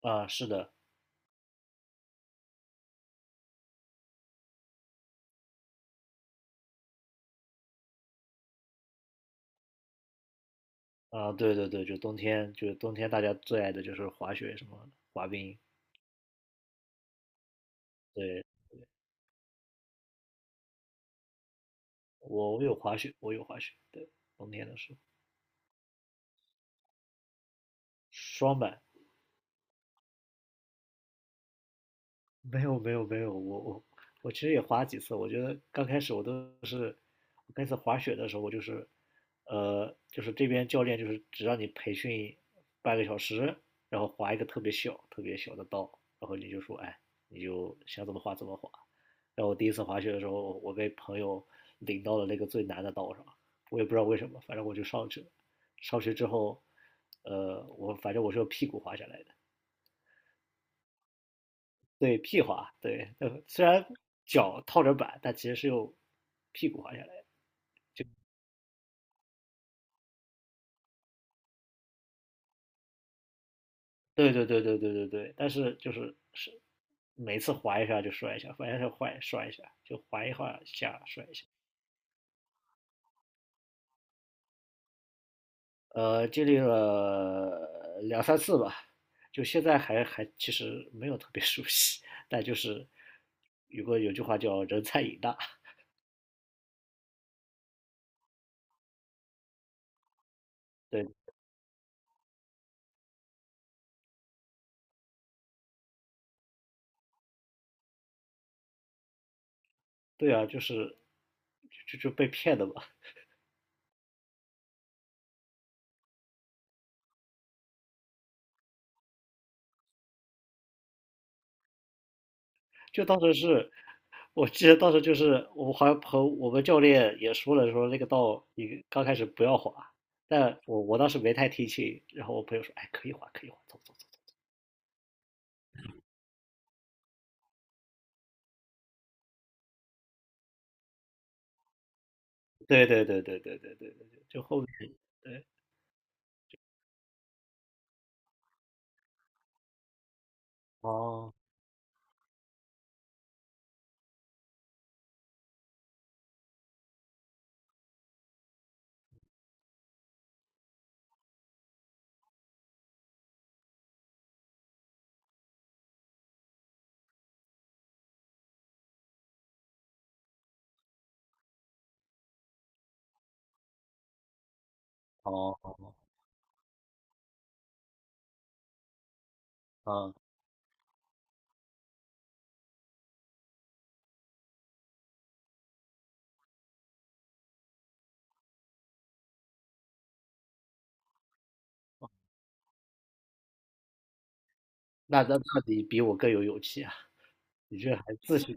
啊，是的。对对对，就是冬天大家最爱的就是滑雪什么的滑冰。对。我有滑雪，对。冬天的时候，双板。没有没有没有，我其实也滑几次。我觉得刚开始我都是，我开始滑雪的时候，我就是，就是这边教练就是只让你培训半个小时，然后滑一个特别小特别小的道，然后你就说，哎，你就想怎么滑怎么滑。然后我第一次滑雪的时候，我被朋友领到了那个最难的道上，我也不知道为什么，反正我就上去了。上去之后，我反正我是用屁股滑下来的。对，屁滑。对，虽然脚套着板，但其实是用屁股滑下来的。对对对对对对对，但是就是每次滑一下就摔一下，反正下坏摔一下，就滑一滑下摔一下。经历了两三次吧，就现在还其实没有特别 熟悉，但就是有个有句话叫"人菜瘾大"。对，对啊，就是就被骗的嘛。就当时是，我记得当时就是我好像和我们教练也说了，说那个道你刚开始不要滑，但我当时没太听清，然后我朋友说，哎，可以滑，可以滑，走走走。对对对对对对对对对，就后面。对。哦哦哦。啊，那你比我更有勇气啊。你这还自学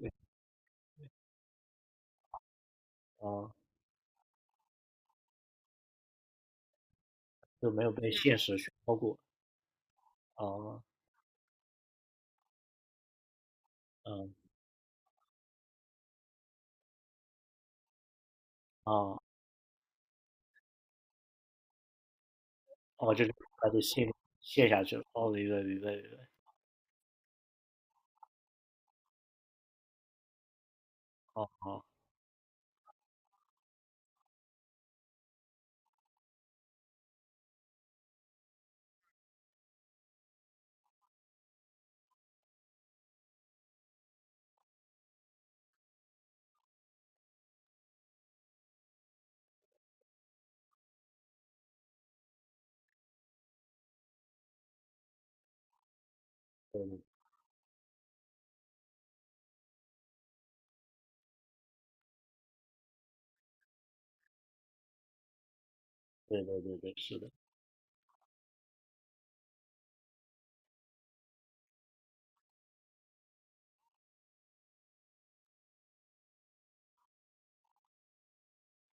啊。就没有被现实熏陶过啊。嗯。啊。哦，就是把你陷下去了。哦，明白明白明白。哦哦。对对对对对，是的。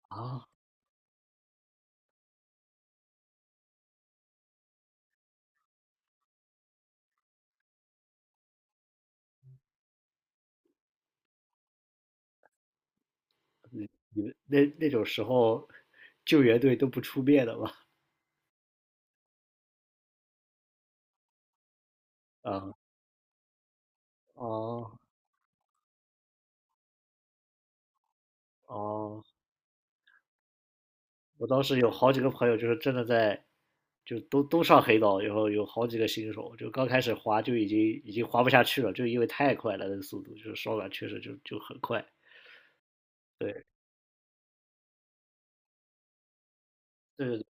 啊，你们那种时候，救援队都不出面的吗？啊。哦哦。我当时有好几个朋友，就是真的在，就都上黑道，然后有好几个新手，就刚开始滑就已经滑不下去了，就因为太快了，那个速度就是手感确实就很快。对对对。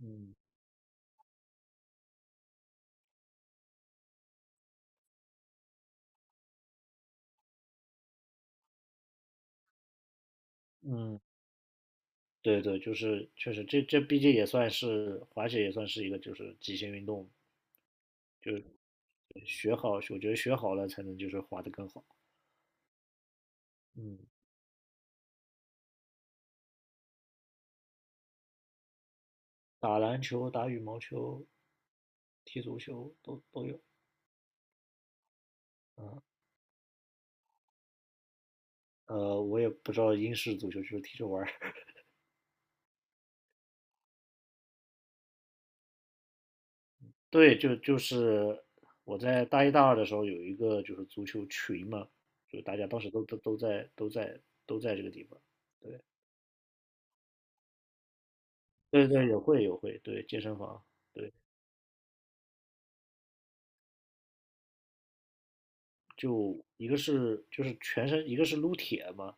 嗯嗯。对对，就是确实，这毕竟也算是滑雪，也算是一个就是极限运动，学好，我觉得学好了才能就是滑得更好。嗯。打篮球、打羽毛球、踢足球都有。嗯。我也不知道英式足球就是踢着玩儿。对，就是我在大一大二的时候有一个就是足球群嘛，就大家当时都在这个地方。对对对，有会有会，对健身房。对。就一个是就是全身，一个是撸铁嘛，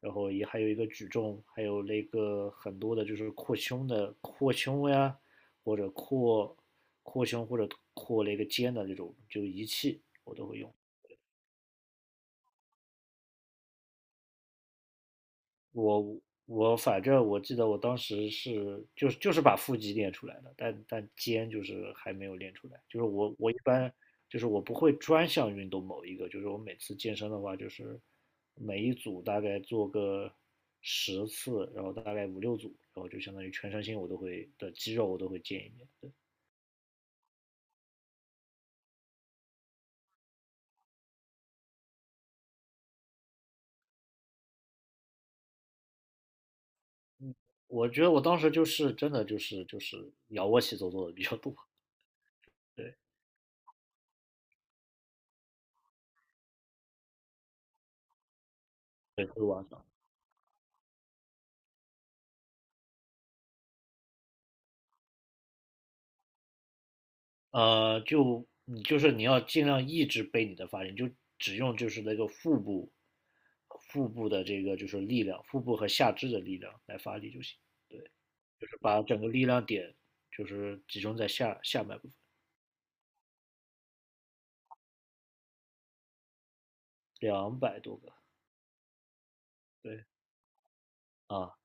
然后也还有一个举重，还有那个很多的就是扩胸呀，或者扩胸或者扩那个肩的这种就仪器我都会用。我我反正我记得我当时是就是把腹肌练出来的，但肩就是还没有练出来。就是我一般就是我不会专项运动某一个，就是我每次健身的话，就是每一组大概做个10次，然后大概五六组，然后就相当于全身心我都会的肌肉我都会见一遍。对。我觉得我当时就是真的就是仰卧起坐做的比较多。对对，会往上。就你就是你要尽量抑制背你的发力，你就只用就是那个腹部，腹部的这个就是力量，腹部和下肢的力量来发力就行。对，就是把整个力量点就是集中在下半部分。200多个。对啊。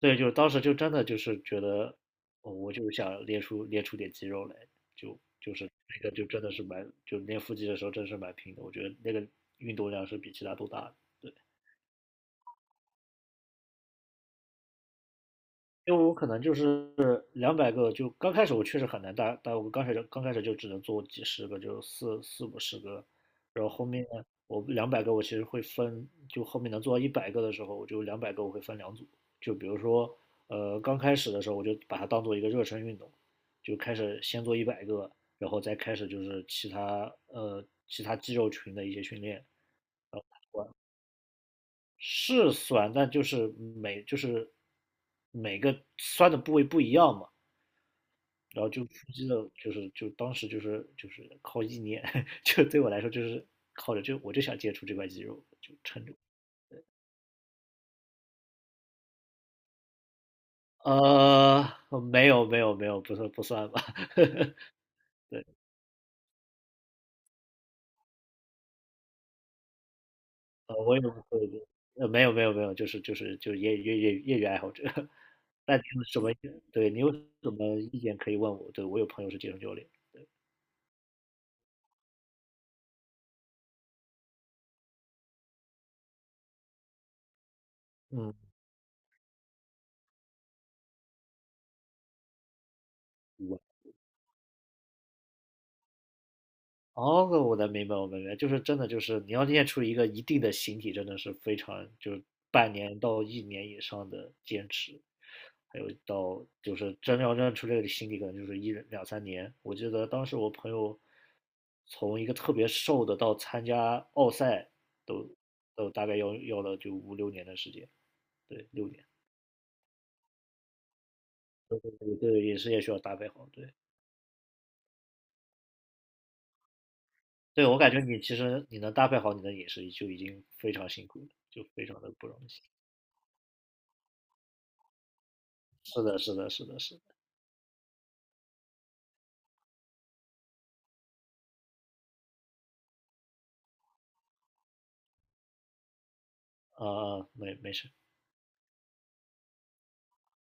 对，就是当时就真的就是觉得，哦我就想练出点肌肉来，就是那个就真的是蛮就练腹肌的时候真是蛮拼的，我觉得那个运动量是比其他都大的。对。因为我可能就是两百个，就刚开始我确实很难打但我刚开始就只能做几十个，就四五十个，然后后面我两百个我其实会分，就后面能做到一百个的时候，我就两百个我会分两组，就比如说刚开始的时候我就把它当做一个热身运动，就开始先做一百个，然后再开始就是其他肌肉群的一些训练。是酸，但就是每个酸的部位不一样嘛。然后就腹肌的，就是当时就是靠意念，就对我来说就是靠着就我就想接触这块肌肉，就撑着。呃，没有没有没有，不算不算吧。对，我也不会的。没有没有没有，就是就是业余爱好者。那你有什么？对你有什么意见可以问我？对我有朋友是健身教练。嗯。哦，我能明白，我明白，就是真的，就是你要练出一个一定的形体，真的是非常，就是半年到一年以上的坚持，还有到就是真要练出这个形体，可能就是一两三年。我记得当时我朋友从一个特别瘦的到参加奥赛都都大概要了就五六年的时间。对，六年。对，对饮食也需要搭配好。对，对我感觉你其实你能搭配好你的饮食就已经非常辛苦了，就非常的不容易。是的，是的，是的，是的。啊啊，没事，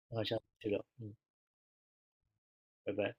那下次再聊。嗯。拜拜。